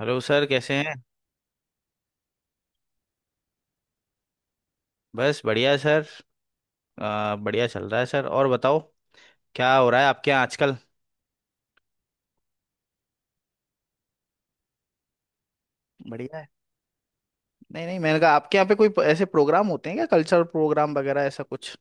Hello sir कैसे हैं। बस बढ़िया सर। बढ़िया चल रहा है सर और बताओ। क्या हो रहा है आपके यहाँ आजकल। बढ़िया है। नहीं नहीं मैंने कहा आपके यहाँ पे कोई ऐसे प्रोग्राम होते हैं क्या कल्चरल प्रोग्राम वगैरह ऐसा कुछ।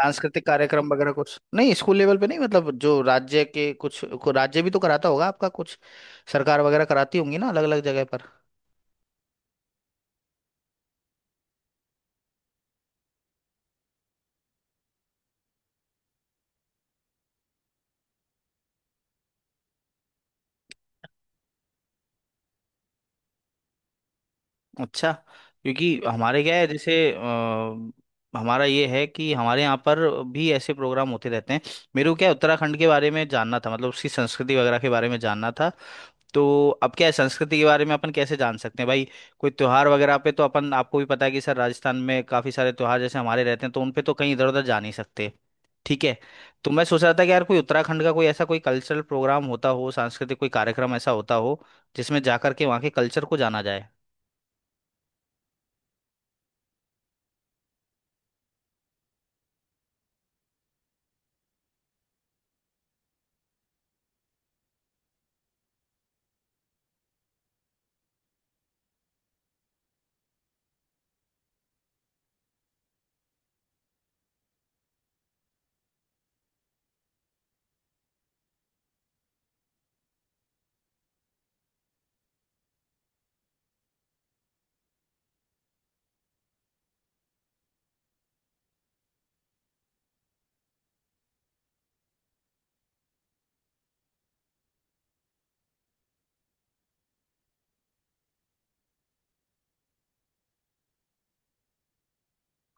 सांस्कृतिक कार्यक्रम वगैरह कुछ नहीं स्कूल लेवल पे नहीं मतलब जो राज्य के कुछ को राज्य भी तो कराता होगा आपका कुछ सरकार वगैरह कराती होंगी ना अलग अलग जगह पर। अच्छा। क्योंकि हमारे क्या है जैसे हमारा ये है कि हमारे यहाँ पर भी ऐसे प्रोग्राम होते रहते हैं। मेरे को क्या है, उत्तराखंड के बारे में जानना था मतलब उसकी संस्कृति वगैरह के बारे में जानना था। तो अब क्या है संस्कृति के बारे में अपन कैसे जान सकते हैं भाई। कोई त्योहार वगैरह पे तो अपन आपको भी पता है कि सर राजस्थान में काफ़ी सारे त्योहार जैसे हमारे रहते हैं तो उन पे तो कहीं इधर उधर जा नहीं सकते। ठीक है। तो मैं सोच रहा था कि यार कोई उत्तराखंड का कोई ऐसा कोई कल्चरल प्रोग्राम होता हो सांस्कृतिक कोई कार्यक्रम ऐसा होता हो जिसमें जाकर के वहाँ के कल्चर को जाना जाए।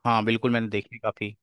हाँ बिल्कुल मैंने देखी काफी।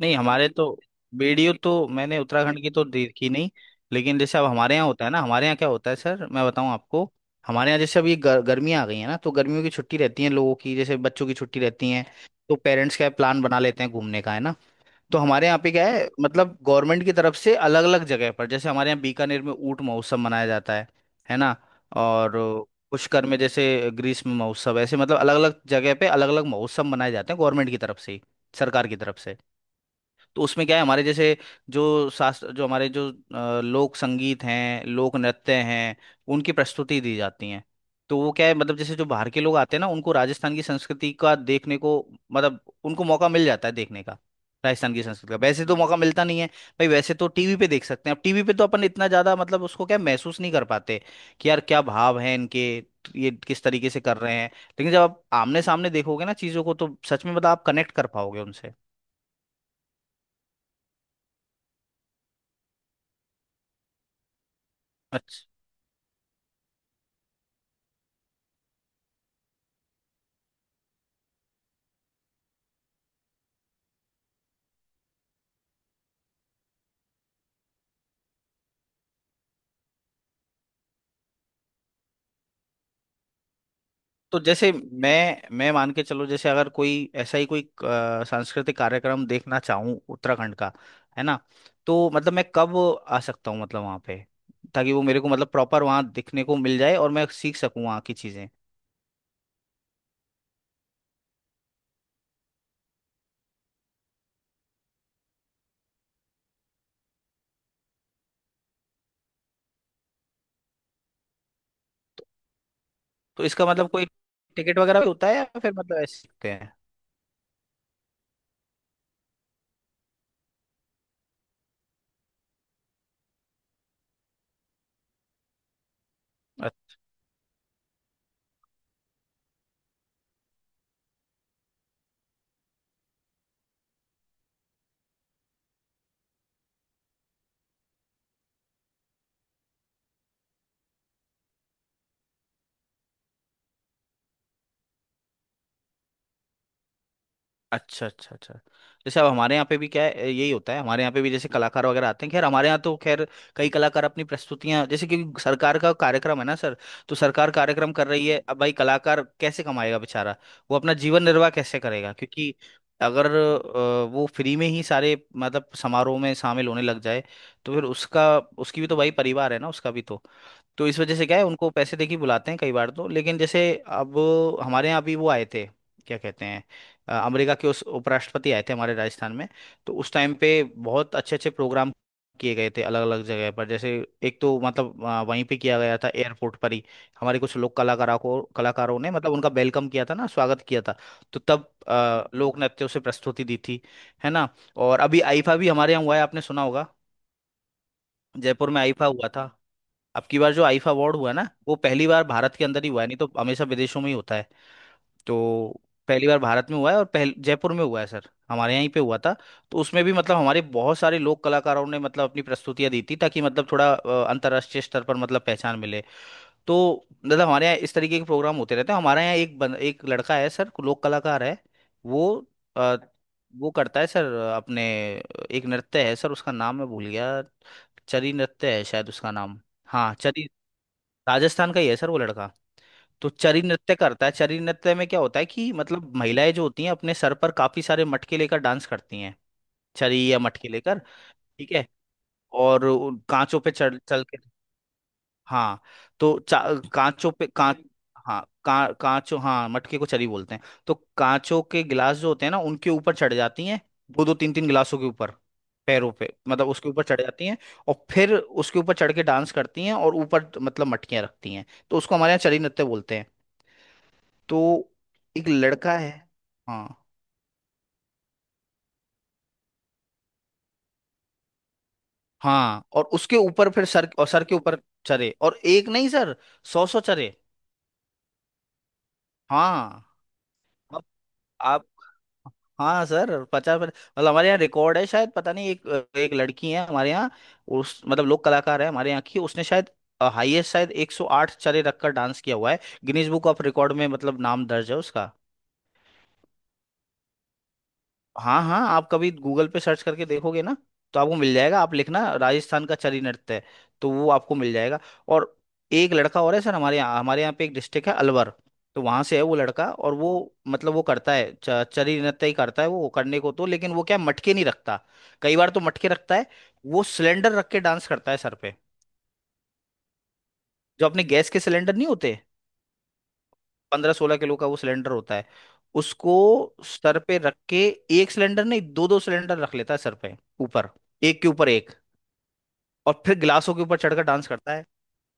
नहीं हमारे तो वीडियो तो मैंने उत्तराखंड की तो देखी नहीं। लेकिन जैसे अब हमारे यहाँ होता है ना हमारे यहाँ क्या होता है सर मैं बताऊँ आपको। हमारे यहाँ जैसे अब ये गर्मियाँ आ गई है ना तो गर्मियों की छुट्टी रहती है लोगों की जैसे बच्चों की छुट्टी रहती है। तो पेरेंट्स क्या प्लान बना लेते हैं घूमने का है ना। तो हमारे यहाँ पे क्या है मतलब गवर्नमेंट की तरफ से अलग अलग जगह पर जैसे हमारे यहाँ बीकानेर में ऊंट महोत्सव मनाया जाता है ना। और पुष्कर में जैसे ग्रीष्म महोत्सव ऐसे मतलब अलग अलग जगह पे अलग अलग महोत्सव मनाए जाते हैं गवर्नमेंट की तरफ से ही सरकार की तरफ से। तो उसमें क्या है हमारे जैसे जो शास्त्र जो हमारे जो लोक संगीत हैं लोक नृत्य हैं उनकी प्रस्तुति दी जाती है। तो वो क्या है मतलब जैसे जो बाहर के लोग आते हैं ना उनको राजस्थान की संस्कृति का देखने को मतलब उनको मौका मिल जाता है देखने का। राजस्थान की संस्कृति का वैसे तो मौका मिलता नहीं है। भाई वैसे तो टीवी पे देख सकते हैं अब टीवी पे तो अपन इतना ज्यादा मतलब उसको क्या महसूस नहीं कर पाते कि यार क्या भाव है इनके ये किस तरीके से कर रहे हैं लेकिन जब आप आमने सामने देखोगे ना चीजों को तो सच में मतलब आप कनेक्ट कर पाओगे उनसे। तो जैसे मैं मान के चलो जैसे अगर कोई ऐसा ही कोई सांस्कृतिक कार्यक्रम देखना चाहूँ उत्तराखंड का है ना। तो मतलब मैं कब आ सकता हूँ मतलब वहाँ पे ताकि वो मेरे को मतलब प्रॉपर वहाँ दिखने को मिल जाए और मैं सीख सकूँ वहाँ की चीज़ें। तो इसका मतलब कोई टिकट वगैरह भी होता है या फिर मतलब ऐसे ही होते हैं। अच्छा अच्छा अच्छा। जैसे अब हमारे यहाँ पे भी क्या है यही होता है हमारे यहाँ पे भी जैसे कलाकार वगैरह आते हैं खैर हमारे यहाँ तो खैर कई कलाकार अपनी प्रस्तुतियां जैसे कि सरकार का कार्यक्रम है ना सर। तो सरकार कार्यक्रम कर रही है अब भाई कलाकार कैसे कमाएगा बेचारा वो अपना जीवन निर्वाह कैसे करेगा क्योंकि अगर वो फ्री में ही सारे मतलब समारोह में शामिल होने लग जाए तो फिर उसका उसकी भी तो भाई परिवार है ना उसका भी तो। तो इस वजह से क्या है उनको पैसे देके बुलाते हैं कई बार तो लेकिन जैसे अब हमारे यहाँ अभी वो आए थे क्या कहते हैं अमेरिका के उस उपराष्ट्रपति आए थे हमारे राजस्थान में। तो उस टाइम पे बहुत अच्छे अच्छे प्रोग्राम किए गए थे अलग अलग जगह पर जैसे एक तो मतलब वहीं पे किया गया था एयरपोर्ट पर ही हमारे कुछ लोग कलाकारों को कलाकारों ने मतलब उनका वेलकम किया था ना स्वागत किया था। तो तब लोक नृत्यों से प्रस्तुति दी थी है ना। और अभी आईफा भी हमारे यहाँ हुआ है आपने सुना होगा। जयपुर में आईफा हुआ था। अब की बार जो आईफा अवार्ड हुआ है ना वो पहली बार भारत के अंदर ही हुआ है नहीं तो हमेशा विदेशों में ही होता है। तो पहली बार भारत में हुआ है और पहल जयपुर में हुआ है सर हमारे यहीं पे हुआ था। तो उसमें भी मतलब हमारे बहुत सारे लोक कलाकारों ने मतलब अपनी प्रस्तुतियां दी थी ताकि मतलब थोड़ा अंतर्राष्ट्रीय स्तर पर मतलब पहचान मिले। तो मतलब हमारे यहाँ इस तरीके के प्रोग्राम होते रहते हैं हमारे यहाँ एक लड़का है सर लोक कलाकार है वो अ, वो करता है सर अपने एक नृत्य है सर उसका नाम मैं भूल गया। चरी नृत्य है शायद उसका नाम। हाँ चरी राजस्थान का ही है सर वो लड़का। तो चरी नृत्य करता है चरी नृत्य में क्या होता है कि मतलब महिलाएं जो होती हैं अपने सर पर काफी सारे मटके लेकर डांस करती हैं। चरी या मटके लेकर। ठीक है। और उन कांचों पे चढ़ चल के हाँ तो कांचों पे कांच हाँ कांचों हाँ मटके को चरी बोलते हैं। तो कांचों के गिलास जो होते हैं ना उनके ऊपर चढ़ जाती हैं दो दो तीन तीन गिलासों के ऊपर पैरों पे मतलब उसके ऊपर चढ़ जाती हैं। और फिर उसके ऊपर चढ़ के डांस करती हैं और ऊपर मतलब मटकियां रखती हैं तो उसको हमारे यहाँ चरी नृत्य बोलते हैं। तो एक लड़का है। हाँ हाँ और उसके ऊपर फिर सर और सर के ऊपर चरे और एक नहीं सर सौ सौ चरे। हाँ अब आप हाँ सर 50 मतलब हमारे यहाँ रिकॉर्ड है शायद पता नहीं एक एक लड़की है हमारे यहाँ उस मतलब लोक कलाकार है हमारे यहाँ की उसने शायद हाईएस्ट शायद 108 चरे रखकर डांस किया हुआ है। गिनीज बुक ऑफ रिकॉर्ड में मतलब नाम दर्ज है उसका। हाँ हाँ आप कभी गूगल पे सर्च करके देखोगे ना तो आपको मिल जाएगा आप लिखना राजस्थान का चरी नृत्य है तो वो आपको मिल जाएगा। और एक लड़का और है सर हमारे यहाँ पे एक डिस्ट्रिक्ट है अलवर। तो वहाँ से है वो लड़का और वो मतलब वो करता है चरी नृत्य ही करता है वो करने को तो लेकिन वो क्या मटके नहीं रखता कई बार तो मटके रखता है। वो सिलेंडर रख के डांस करता है सर पे जो अपने गैस के सिलेंडर नहीं होते 15-16 किलो का वो सिलेंडर होता है उसको सर पे रख के एक सिलेंडर नहीं दो दो सिलेंडर रख लेता है सर पे ऊपर एक के ऊपर एक। और फिर गिलासों के ऊपर चढ़कर डांस करता है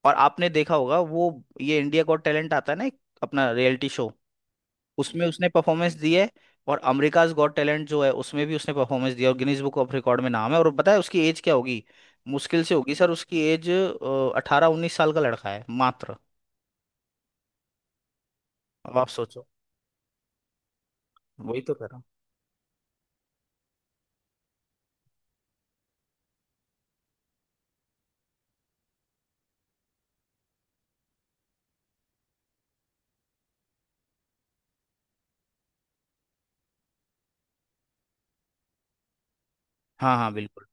और आपने देखा होगा वो ये इंडिया गॉट टैलेंट आता है ना एक अपना रियलिटी शो उसमें उसने परफॉर्मेंस दी है। और अमेरिकाज गॉट टैलेंट जो है उसमें भी उसने परफॉर्मेंस दिया और गिनीज बुक ऑफ रिकॉर्ड में नाम है और पता है उसकी एज क्या होगी। मुश्किल से होगी सर उसकी एज 18-19 साल का लड़का है मात्र। अब आप सोचो वही तो कह रहा हूँ। हाँ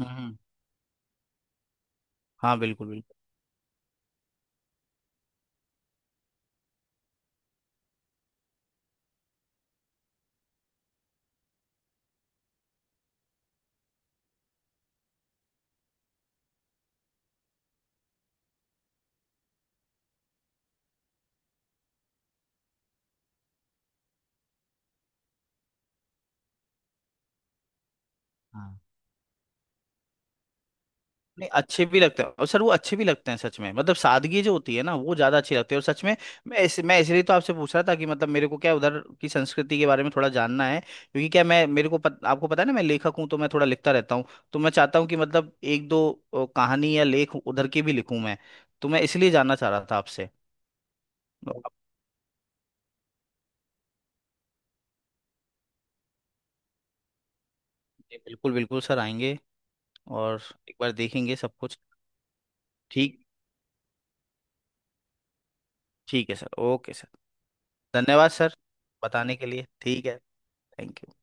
हम्म हाँ बिल्कुल बिल्कुल हाँ नहीं अच्छे भी लगते हैं और सर वो अच्छे भी लगते हैं सच में मतलब सादगी जो होती है ना वो ज्यादा अच्छी लगती है और सच में। मैं इसलिए तो आपसे पूछ रहा था कि मतलब मेरे को क्या उधर की संस्कृति के बारे में थोड़ा जानना है क्योंकि क्या मैं आपको पता है ना मैं लेखक हूँ तो मैं थोड़ा लिखता रहता हूँ। तो मैं चाहता हूँ कि मतलब एक दो कहानी या लेख उधर की भी लिखूँ मैं। तो मैं इसलिए जानना चाह रहा था आपसे। तो आप-। जी, बिल्कुल बिल्कुल सर आएंगे। और एक बार देखेंगे सब कुछ। ठीक ठीक है सर ओके सर। धन्यवाद सर बताने के लिए ठीक है। Thank you.